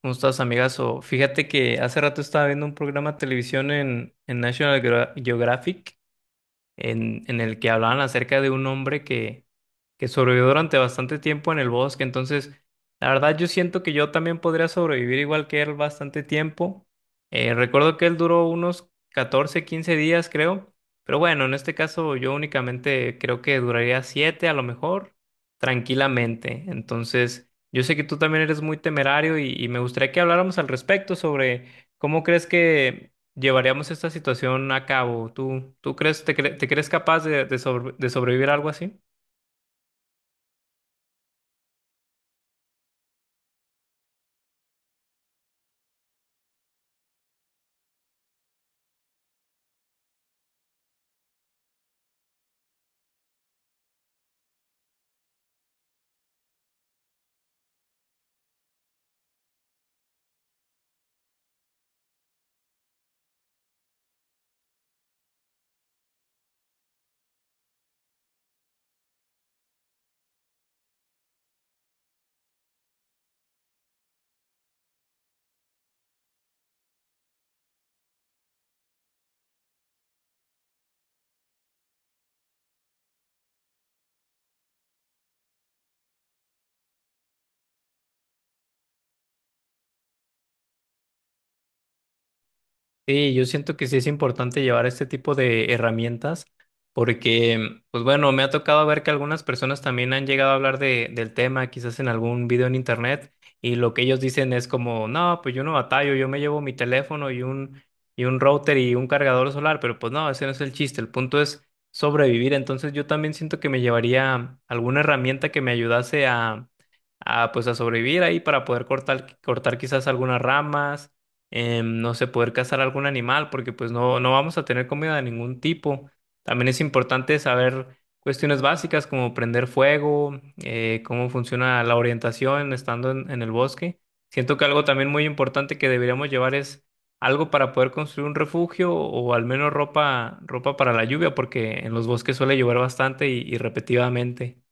¿Cómo estás, amigazo? Fíjate que hace rato estaba viendo un programa de televisión en National Geographic en el que hablaban acerca de un hombre que sobrevivió durante bastante tiempo en el bosque. Entonces, la verdad yo siento que yo también podría sobrevivir igual que él bastante tiempo. Recuerdo que él duró unos 14 15 días, creo. Pero bueno, en este caso yo únicamente creo que duraría 7, a lo mejor, tranquilamente. Entonces, yo sé que tú también eres muy temerario y me gustaría que habláramos al respecto sobre cómo crees que llevaríamos esta situación a cabo. ¿Tú crees, te crees capaz de, de sobrevivir a algo así? Sí, yo siento que sí es importante llevar este tipo de herramientas porque, pues bueno, me ha tocado ver que algunas personas también han llegado a hablar del tema, quizás en algún video en internet, y lo que ellos dicen es como, no, pues yo no batallo, yo me llevo mi teléfono y un router y un cargador solar, pero pues no, ese no es el chiste, el punto es sobrevivir. Entonces yo también siento que me llevaría alguna herramienta que me ayudase a pues a sobrevivir ahí para poder cortar, cortar quizás algunas ramas. No sé, poder cazar algún animal, porque pues no, no vamos a tener comida de ningún tipo. También es importante saber cuestiones básicas como prender fuego, cómo funciona la orientación estando en el bosque. Siento que algo también muy importante que deberíamos llevar es algo para poder construir un refugio o al menos ropa, ropa para la lluvia, porque en los bosques suele llover bastante y repetidamente.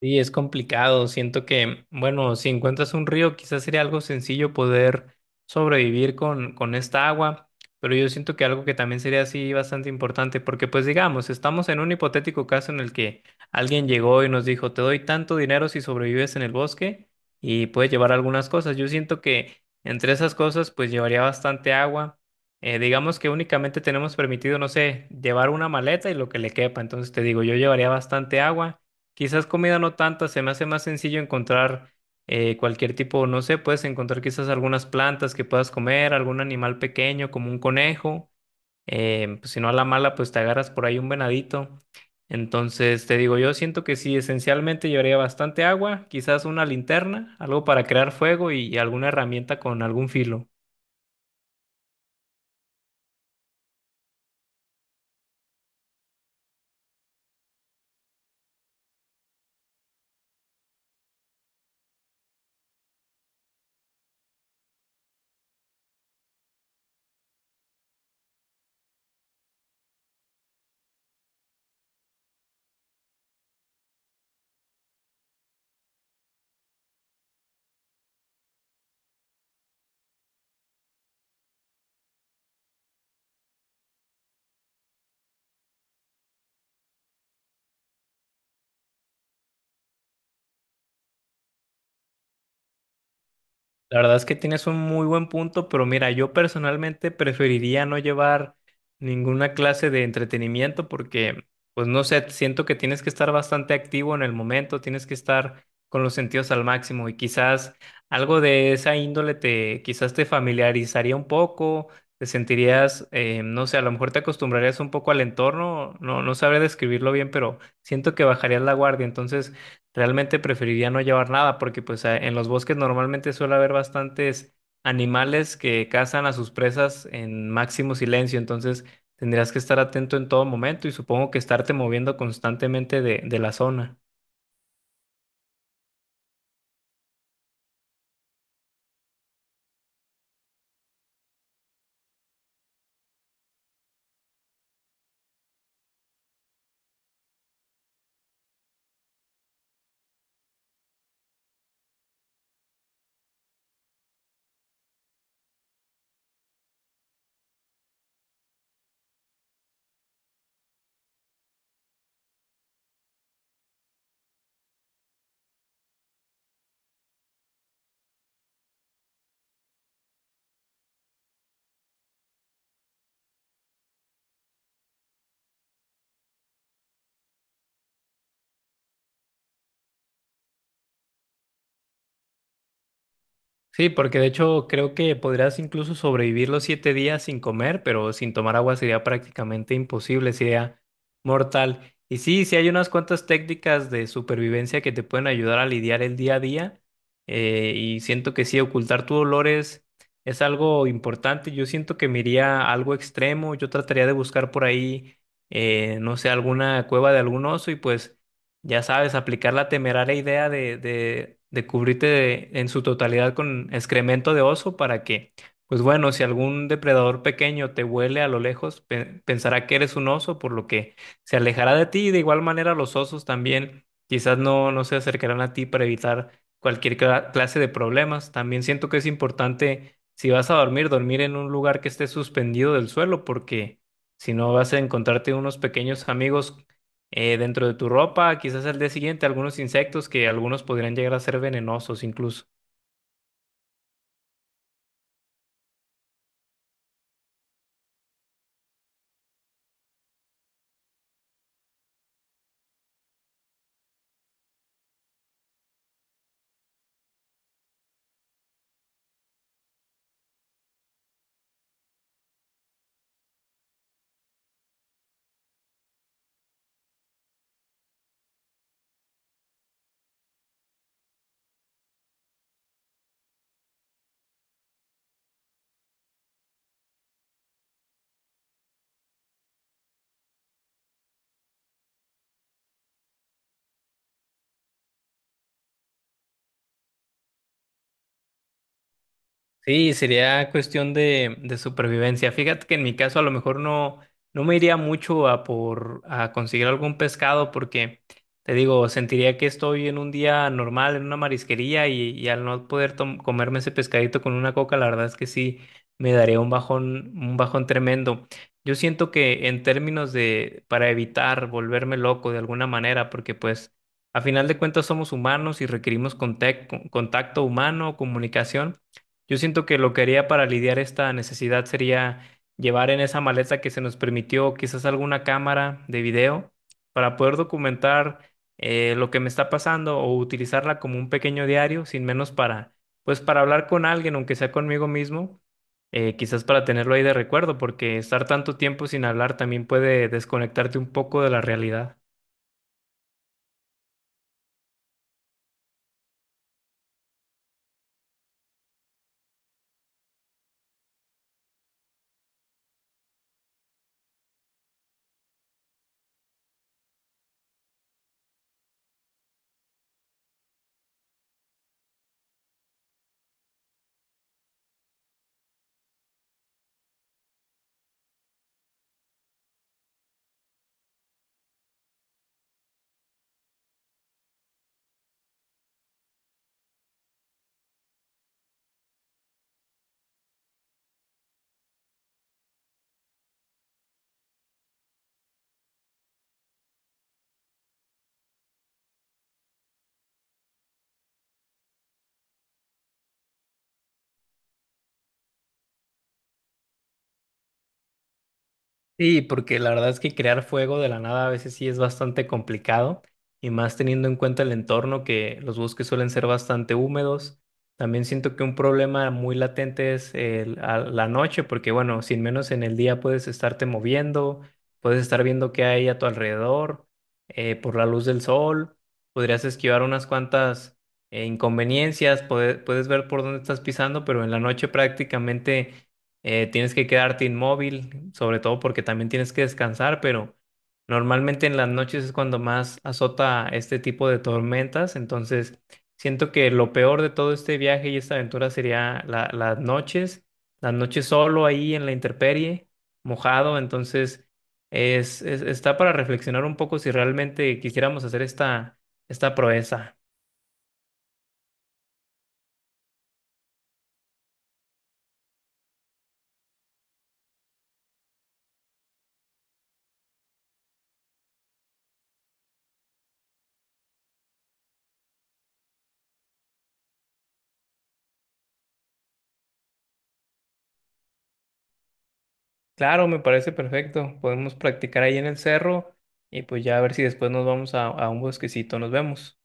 Sí, es complicado. Siento que, bueno, si encuentras un río, quizás sería algo sencillo poder sobrevivir con esta agua, pero yo siento que algo que también sería así bastante importante, porque pues digamos, estamos en un hipotético caso en el que alguien llegó y nos dijo, te doy tanto dinero si sobrevives en el bosque y puedes llevar algunas cosas. Yo siento que entre esas cosas, pues llevaría bastante agua. Digamos que únicamente tenemos permitido, no sé, llevar una maleta y lo que le quepa. Entonces te digo, yo llevaría bastante agua. Quizás comida no tanta, se me hace más sencillo encontrar cualquier tipo, no sé, puedes encontrar quizás algunas plantas que puedas comer, algún animal pequeño como un conejo. Pues, si no a la mala, pues te agarras por ahí un venadito. Entonces, te digo, yo siento que sí, esencialmente llevaría bastante agua, quizás una linterna, algo para crear fuego y alguna herramienta con algún filo. La verdad es que tienes un muy buen punto, pero mira, yo personalmente preferiría no llevar ninguna clase de entretenimiento porque, pues no sé, siento que tienes que estar bastante activo en el momento, tienes que estar con los sentidos al máximo y quizás algo de esa índole te, quizás te familiarizaría un poco, te sentirías, no sé, a lo mejor te acostumbrarías un poco al entorno, no, no sabré describirlo bien, pero siento que bajarías la guardia, entonces. Realmente preferiría no llevar nada porque pues en los bosques normalmente suele haber bastantes animales que cazan a sus presas en máximo silencio. Entonces tendrías que estar atento en todo momento y supongo que estarte moviendo constantemente de la zona. Sí, porque de hecho creo que podrías incluso sobrevivir los 7 días sin comer, pero sin tomar agua sería prácticamente imposible, sería mortal. Y sí, sí hay unas cuantas técnicas de supervivencia que te pueden ayudar a lidiar el día a día. Y siento que sí, ocultar tus dolores es algo importante. Yo siento que me iría a algo extremo. Yo trataría de buscar por ahí, no sé, alguna cueva de algún oso y pues... Ya sabes, aplicar la temeraria idea de, de cubrirte en su totalidad con excremento de oso para que, pues bueno, si algún depredador pequeño te huele a lo lejos, pensará que eres un oso, por lo que se alejará de ti. Y de igual manera, los osos también quizás no, no se acercarán a ti para evitar cualquier clase de problemas. También siento que es importante, si vas a dormir, dormir en un lugar que esté suspendido del suelo, porque si no vas a encontrarte unos pequeños amigos dentro de tu ropa, quizás al día siguiente algunos insectos que algunos podrían llegar a ser venenosos incluso. Sí, sería cuestión de supervivencia. Fíjate que en mi caso a lo mejor no, no me iría mucho a por a conseguir algún pescado porque te digo, sentiría que estoy en un día normal, en una marisquería, y al no poder comerme ese pescadito con una coca, la verdad es que sí me daría un bajón tremendo. Yo siento que en términos de, para evitar volverme loco de alguna manera, porque pues a final de cuentas somos humanos y requerimos contacto humano, comunicación. Yo siento que lo que haría para lidiar esta necesidad sería llevar en esa maleta que se nos permitió quizás alguna cámara de video para poder documentar lo que me está pasando o utilizarla como un pequeño diario, sin menos para, pues para hablar con alguien, aunque sea conmigo mismo, quizás para tenerlo ahí de recuerdo, porque estar tanto tiempo sin hablar también puede desconectarte un poco de la realidad. Sí, porque la verdad es que crear fuego de la nada a veces sí es bastante complicado, y más teniendo en cuenta el entorno que los bosques suelen ser bastante húmedos. También siento que un problema muy latente es a la noche, porque bueno, sin menos en el día puedes estarte moviendo, puedes estar viendo qué hay a tu alrededor, por la luz del sol, podrías esquivar unas cuantas inconveniencias, puedes ver por dónde estás pisando, pero en la noche prácticamente tienes que quedarte inmóvil, sobre todo porque también tienes que descansar, pero normalmente en las noches es cuando más azota este tipo de tormentas. Entonces siento que lo peor de todo este viaje y esta aventura sería las noches solo ahí en la intemperie, mojado. Entonces es, está para reflexionar un poco si realmente quisiéramos hacer esta, esta proeza. Claro, me parece perfecto. Podemos practicar ahí en el cerro y pues ya a ver si después nos vamos a un bosquecito. Nos vemos.